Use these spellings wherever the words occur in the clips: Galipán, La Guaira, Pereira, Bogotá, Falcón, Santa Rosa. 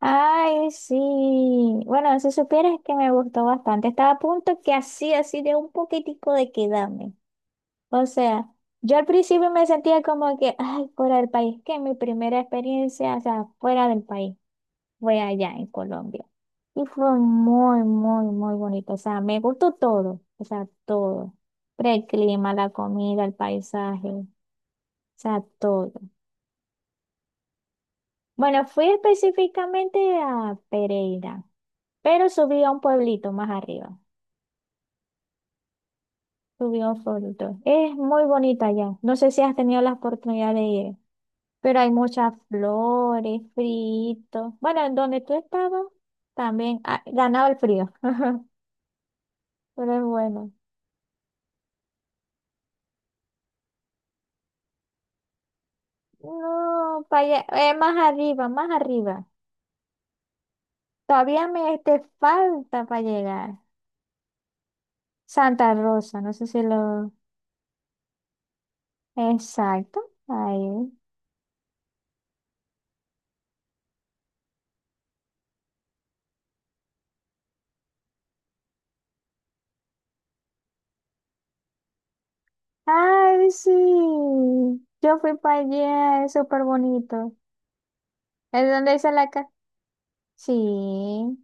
Ay, sí. Bueno, si supieras que me gustó bastante. Estaba a punto que así, así de un poquitico de quedarme. O sea, yo al principio me sentía como que, ay, fuera del país, que mi primera experiencia, o sea, fuera del país, fue allá en Colombia. Y fue muy, muy, muy bonito. O sea, me gustó todo. O sea, todo. Pero el clima, la comida, el paisaje, o sea, todo. Bueno, fui específicamente a Pereira, pero subí a un pueblito más arriba. Subió fotos. Es muy bonita ya. No sé si has tenido la oportunidad de ir, pero hay muchas flores, fritos. Bueno, en donde tú estabas también ganaba el frío, pero es bueno. No, para allá, más arriba, más arriba. Todavía me te falta para llegar. Santa Rosa, no sé si lo... Exacto, ahí. Ay, sí. Yo fui para allá, es súper bonito. ¿Es donde dice la casa? Sí,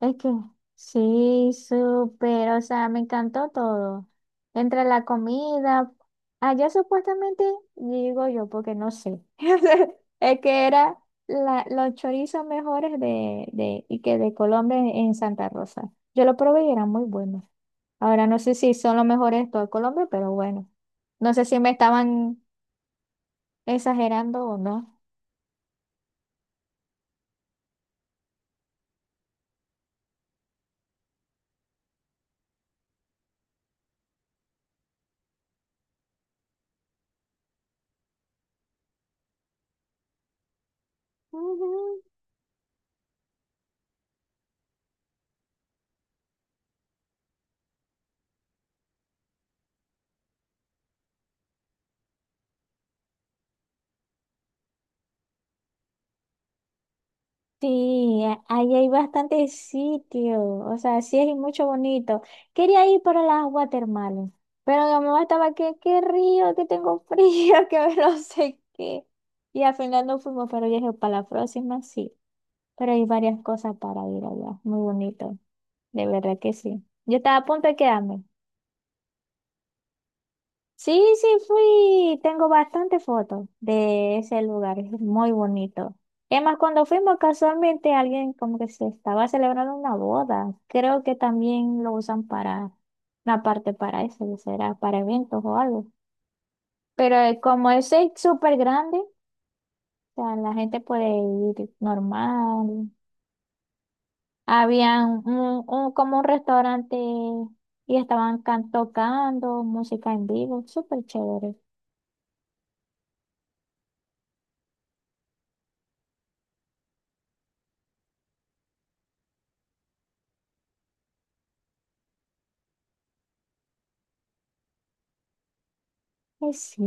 es que sí, súper, o sea, me encantó todo. Entre la comida, allá supuestamente, digo yo, porque no sé, es que era los chorizos mejores de, y que de Colombia en Santa Rosa. Yo lo probé y eran muy buenos. Ahora no sé si son los mejores de todo Colombia, pero bueno, no sé si me estaban exagerando o no. Ujú. Sí, ahí hay bastantes sitios, o sea, sí hay mucho bonito. Quería ir para las watermelon, pero mi mamá estaba que, qué río, que tengo frío, que no sé qué. Y al final no fuimos, pero yo dije, para la próxima sí. Pero hay varias cosas para ir allá, muy bonito, de verdad que sí. Yo estaba a punto de quedarme. Sí, sí fui, tengo bastantes fotos de ese lugar, es muy bonito. Es más, cuando fuimos casualmente alguien como que se estaba celebrando una boda, creo que también lo usan para una parte para eso, que será para eventos o algo. Pero como ese es súper grande, o sea, la gente puede ir normal. Había como un restaurante y estaban tocando música en vivo, súper chévere. Sí.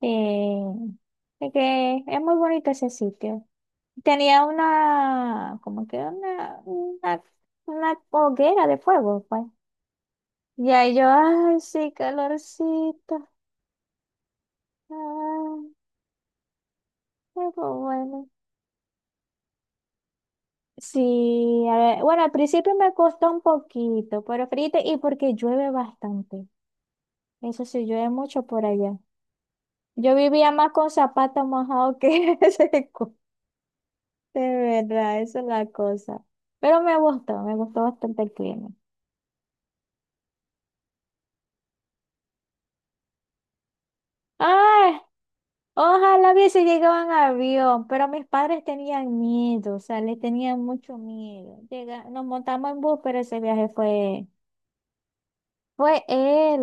Eh, es que es muy bonito ese sitio. Tenía una, como que una hoguera de fuego, pues. Y ahí yo, ay, sí, calorcito. Ay, qué bueno. Sí, a ver, bueno, al principio me costó un poquito, pero fíjate, y porque llueve bastante. Eso sí, llueve mucho por allá. Yo vivía más con zapatos mojados que seco. De verdad, esa es la cosa. Pero me gustó bastante el clima. ¡Ay! Ojalá hubiese llegado en avión, pero mis padres tenían miedo, o sea, le tenían mucho miedo. Nos montamos en bus, pero ese viaje fue el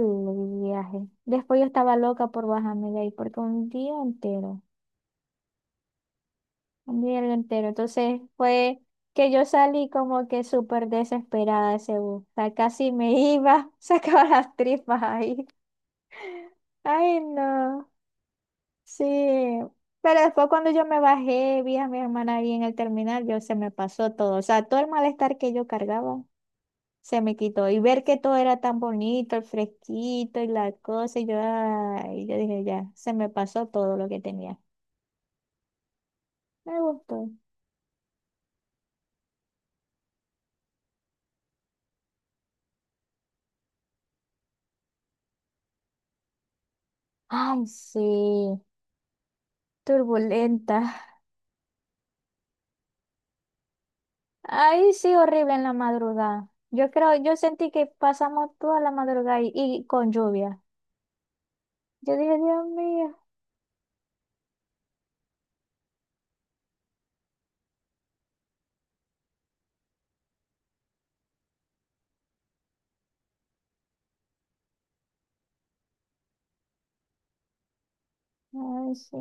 viaje. Después yo estaba loca por bajarme de ahí, porque un día entero, un día entero. Entonces fue que yo salí como que súper desesperada de ese bus. O sea, casi me iba, sacaba las tripas ahí. Ay, no. Sí, pero después cuando yo me bajé, vi a mi hermana ahí en el terminal, yo se me pasó todo, o sea, todo el malestar que yo cargaba se me quitó y ver que todo era tan bonito, el fresquito y la cosa, y yo, ay, yo dije, ya, se me pasó todo lo que tenía. Me gustó. Ay, sí, turbulenta. Ay, sí, horrible en la madrugada. Yo creo, yo sentí que pasamos toda la madrugada y con lluvia. Yo dije, Dios mío, ay, sí.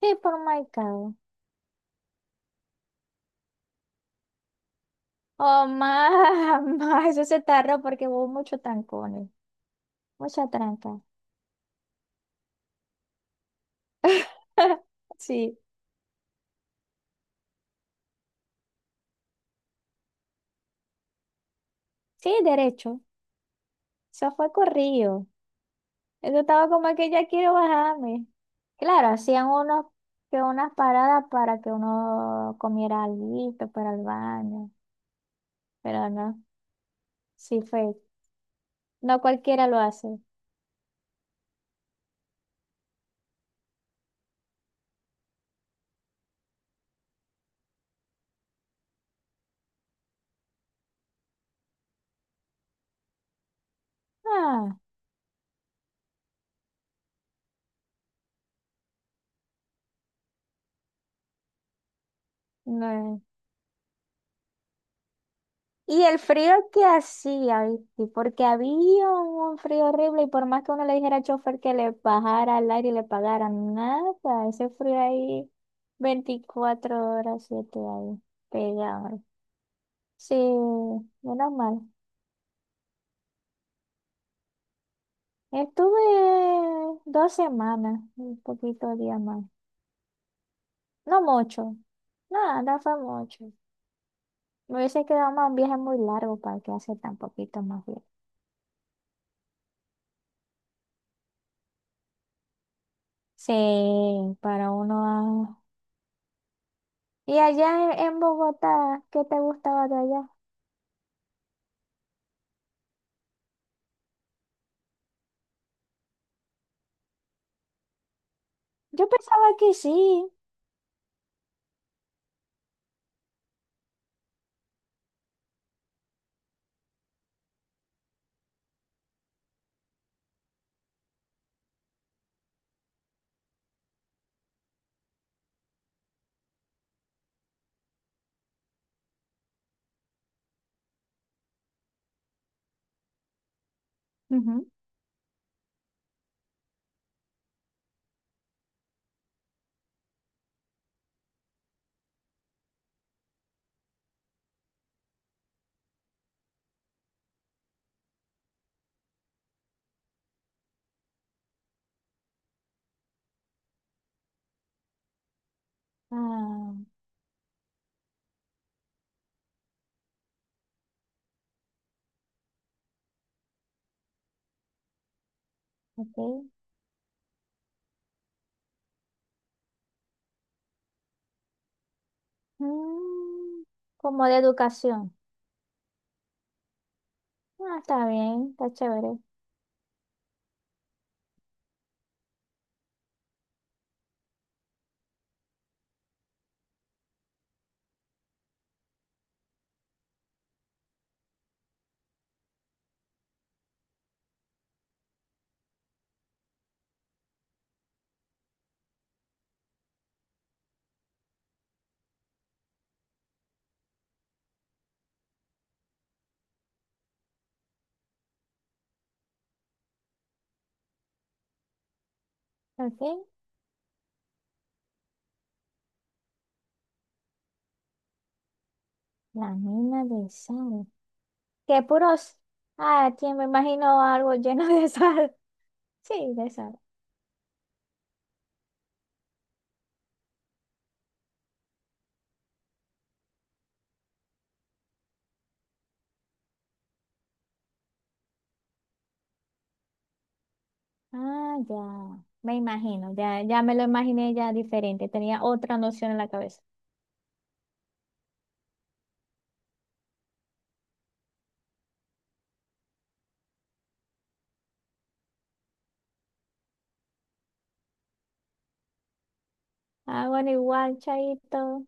Sí, por my God. Oh, más, más, eso se tarda porque hubo mucho tancones mucha tranca. Sí, sí, derecho. Eso fue corrido. Eso estaba como que ya quiero bajarme. Claro, hacían unos, que unas paradas para que uno comiera algo para el baño, pero no, sí fue. No cualquiera lo hace. Ah, no. Y el frío que hacía, ¿viste? Porque había un frío horrible y por más que uno le dijera al chofer que le bajara al aire y le pagara, nada, ese frío ahí 24 horas, 7 ahí, pegado. Sí, menos mal. Estuve 2 semanas, un poquito de día más. No mucho, nada, fue mucho. Me hubiese quedado más un viaje muy largo para que hace tan poquito más bien. Sí, para uno y allá en Bogotá, ¿qué te gustaba de allá? Yo pensaba que sí. Ujú. Ah, ok. Mm, como de educación. Ah, está bien, está chévere. Ok. La mina de sal. Qué puros. Ah, tío, me imagino algo lleno de sal. Sí, de sal. Ah, ya. Me imagino, ya, ya me lo imaginé ya diferente. Tenía otra noción en la cabeza. Ah, bueno, igual, chaito.